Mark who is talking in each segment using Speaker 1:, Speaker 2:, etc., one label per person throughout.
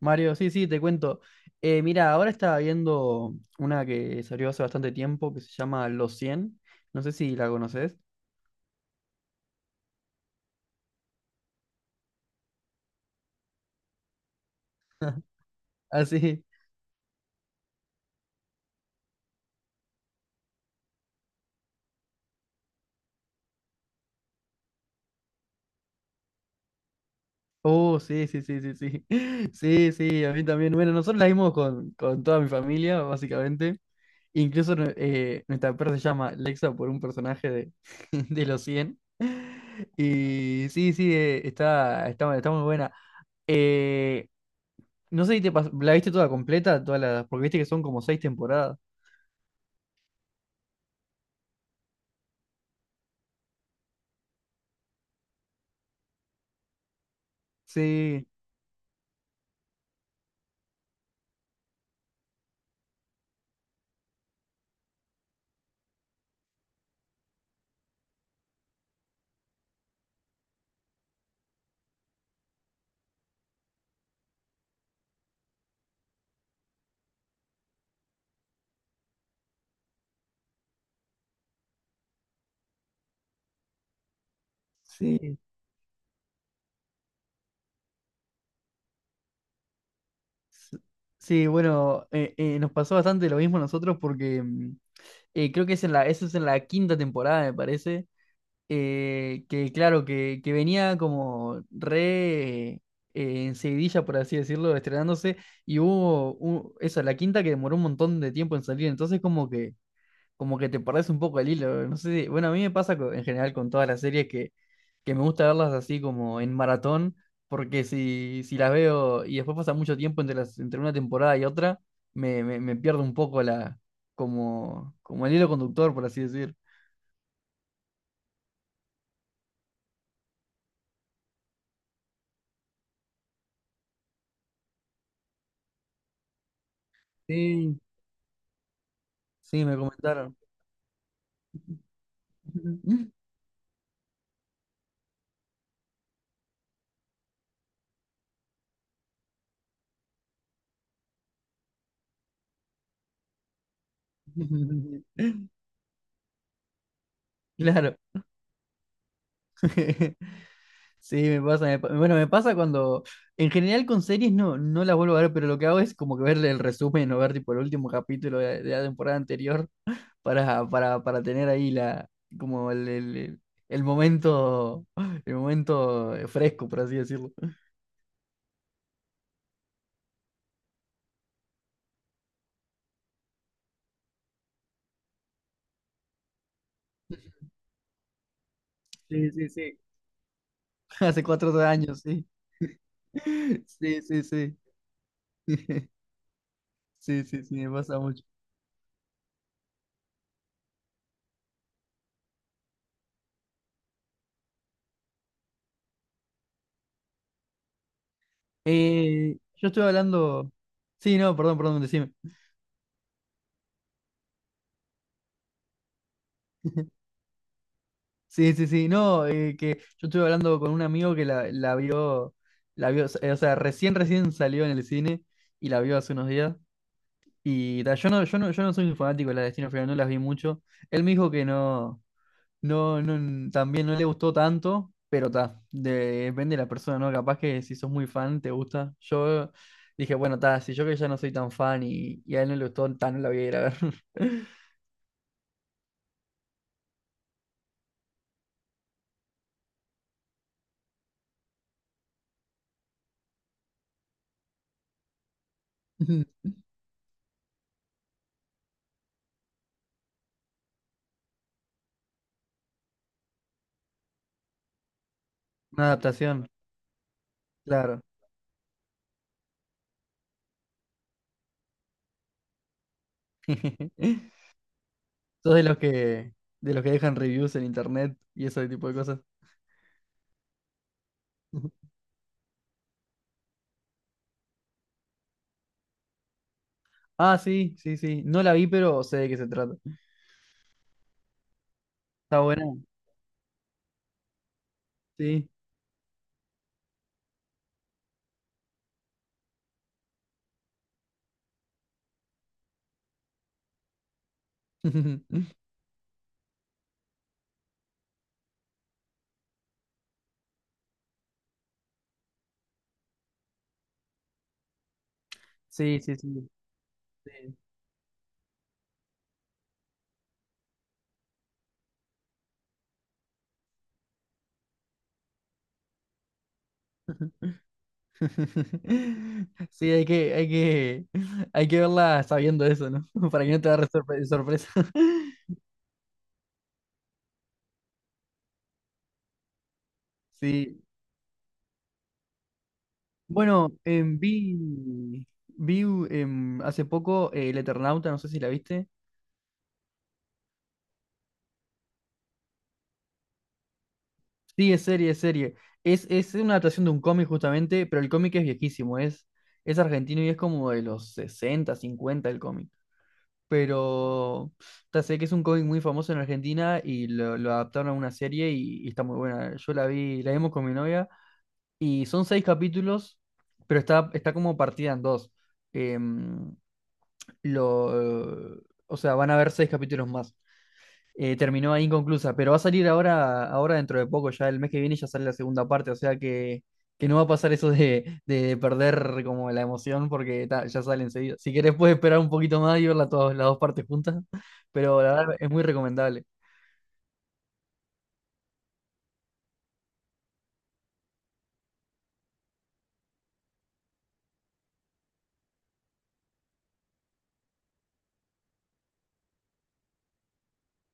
Speaker 1: Mario, sí, sí, te cuento. Mira, ahora estaba viendo una que salió hace bastante tiempo que se llama Los cien. No sé si la conoces. Ah, sí. Oh, sí, sí, sí, sí, sí. Sí, sí, a mí también. Bueno, nosotros la vimos con toda mi familia, básicamente. Incluso nuestra perra se llama Lexa por un personaje de, de Los cien. Y sí, sí, está muy buena. Eh, no sé si la viste toda completa, todas las, porque viste que son como seis temporadas. Sí, sí, s- sí, bueno, nos pasó bastante lo mismo a nosotros porque creo que es en la, eso es en la quinta temporada, me parece, que claro, que venía como re en seguidilla, por así decirlo, estrenándose, y hubo eso, la quinta que demoró un montón de tiempo en salir, entonces como que te perdés un poco el hilo. No sé bueno, a mí me pasa en general con todas las series que me gusta verlas así como en maratón, porque si las veo y después pasa mucho tiempo entre las, entre una temporada y otra, me pierdo un poco la, como el hilo conductor, por así decir. Sí. Sí, me comentaron. Claro. Sí, me pasa, bueno, me pasa cuando, en general con series no, no las vuelvo a ver, pero lo que hago es como que verle el resumen o ver tipo el último capítulo de la temporada anterior para tener ahí la, como el momento, el momento fresco, por así decirlo. Sí, sí, sí. Hace 4 años, sí. Sí, sí, sí. Sí, sí, sí, me pasa mucho. Yo estoy hablando. Sí, no, perdón, perdón, decime. Sí, sí, sí. No, que yo estuve hablando con un amigo que la vio, o sea, recién, recién salió en el cine y la vio hace unos días. Y ta, yo no soy un fanático de la Destino Final, no las vi mucho. Él me dijo que no, no, no, también no le gustó tanto, pero ta, depende de la persona, ¿no? Capaz que si sos muy fan, te gusta. Yo dije, bueno, ta, si yo que ya no soy tan fan y a él no le gustó, ta, no la voy a ir a ver. Una adaptación, claro. Sos de los que dejan reviews en internet y ese tipo de cosas. Ah, sí, sí, sí. No la vi, pero sé de qué se trata. Está buena. Sí. Sí, sí, sí. Sí. Sí, hay que verla sabiendo eso, ¿no? Para que no te agarre sorpresa. Sí. Bueno, vi hace poco El Eternauta, no sé si la viste. Sí, es serie, es serie. Es una adaptación de un cómic justamente, pero el cómic es viejísimo, es argentino y es como de los 60, 50 el cómic. Pero ta, sé que es un cómic muy famoso en Argentina y lo adaptaron a una serie y está muy buena. Yo la vi, la vimos con mi novia y son seis capítulos, pero está como partida en dos. Em, lo, o sea, van a haber seis capítulos más. Terminó ahí inconclusa, pero va a salir ahora dentro de poco, ya el mes que viene ya sale la segunda parte, o sea que no va a pasar eso de perder como la emoción porque ta, ya sale enseguida. Si querés puedes esperar un poquito más y verla todas las dos partes juntas, pero la verdad es muy recomendable.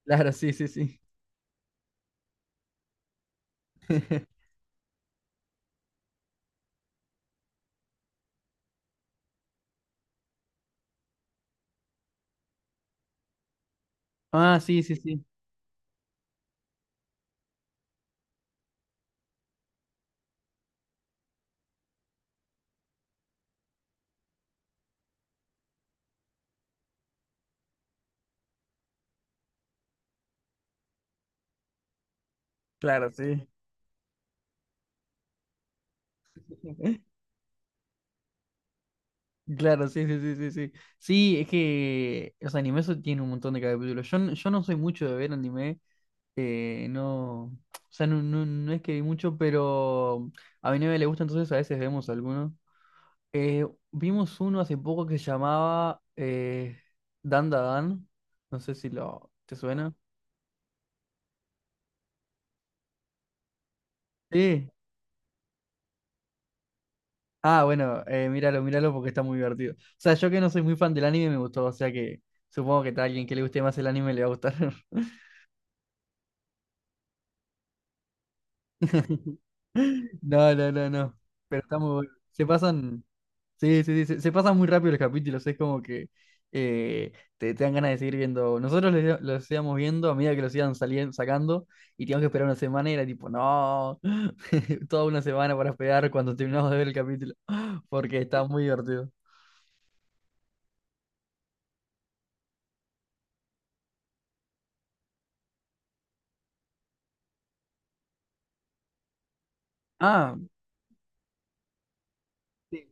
Speaker 1: Claro, sí, sí, sí. Ah, sí, sí, sí. Claro, sí. Claro, sí, sí, sí, sí, sí. Sí, es que los animes tienen un montón de capítulos. Yo no soy mucho de ver anime. No, o sea, no, no, no es que vi mucho, pero a mi novia le gusta, entonces a veces vemos algunos. Eh, vimos uno hace poco que se llamaba Dan Da Dan. No sé si lo te suena. Sí. Ah, bueno, míralo, míralo porque está muy divertido. O sea, yo que no soy muy fan del anime me gustó, o sea que supongo que a alguien que le guste más el anime le va a gustar. No, no, no, no. Pero está muy bueno. Se pasan. Sí, sí, sí, se pasa muy rápido los capítulos, es como que eh, te dan ganas de seguir viendo. Nosotros los íbamos viendo a medida que los iban saliendo, sacando y teníamos que esperar una semana y era tipo, no, toda una semana para esperar cuando terminamos de ver el capítulo, porque está muy divertido. Ah, sí.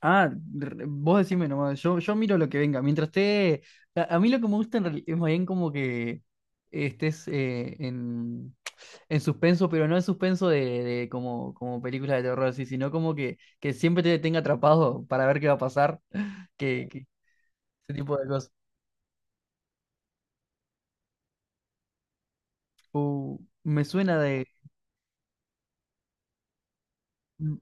Speaker 1: Ah, vos decime nomás, yo miro lo que venga. Mientras esté. A mí lo que me gusta es más bien como que estés en suspenso, pero no en suspenso de como, como película de terror así, sino como que siempre te tenga atrapado para ver qué va a pasar. Que ese tipo de cosas. Me suena de. Mm,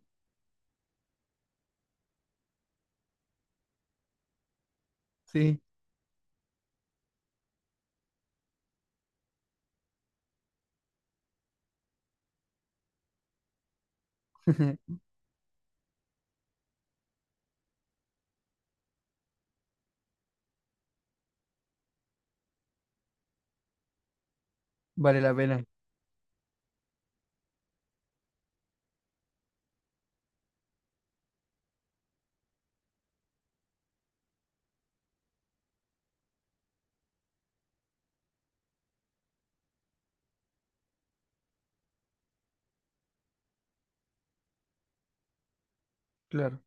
Speaker 1: sí, vale la pena. Claro.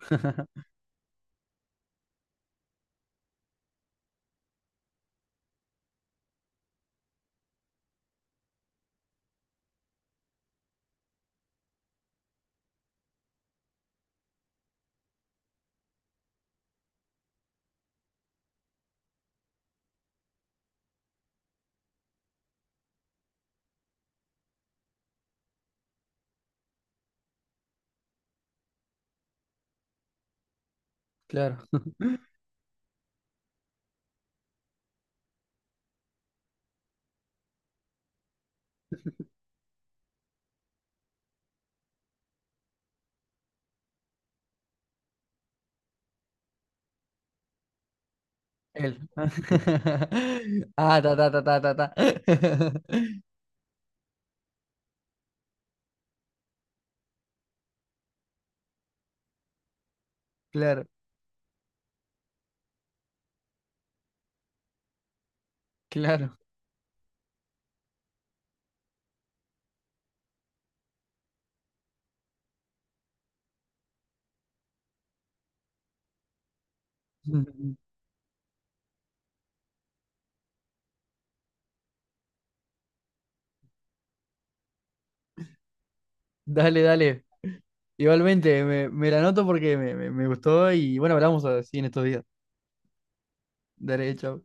Speaker 1: Claro. Él. Ah, ta, ta, ta, ta, ta, ta. Claro. Claro. Dale, dale. Igualmente, me la anoto porque me gustó y bueno, hablamos así en estos días. Dale, chao.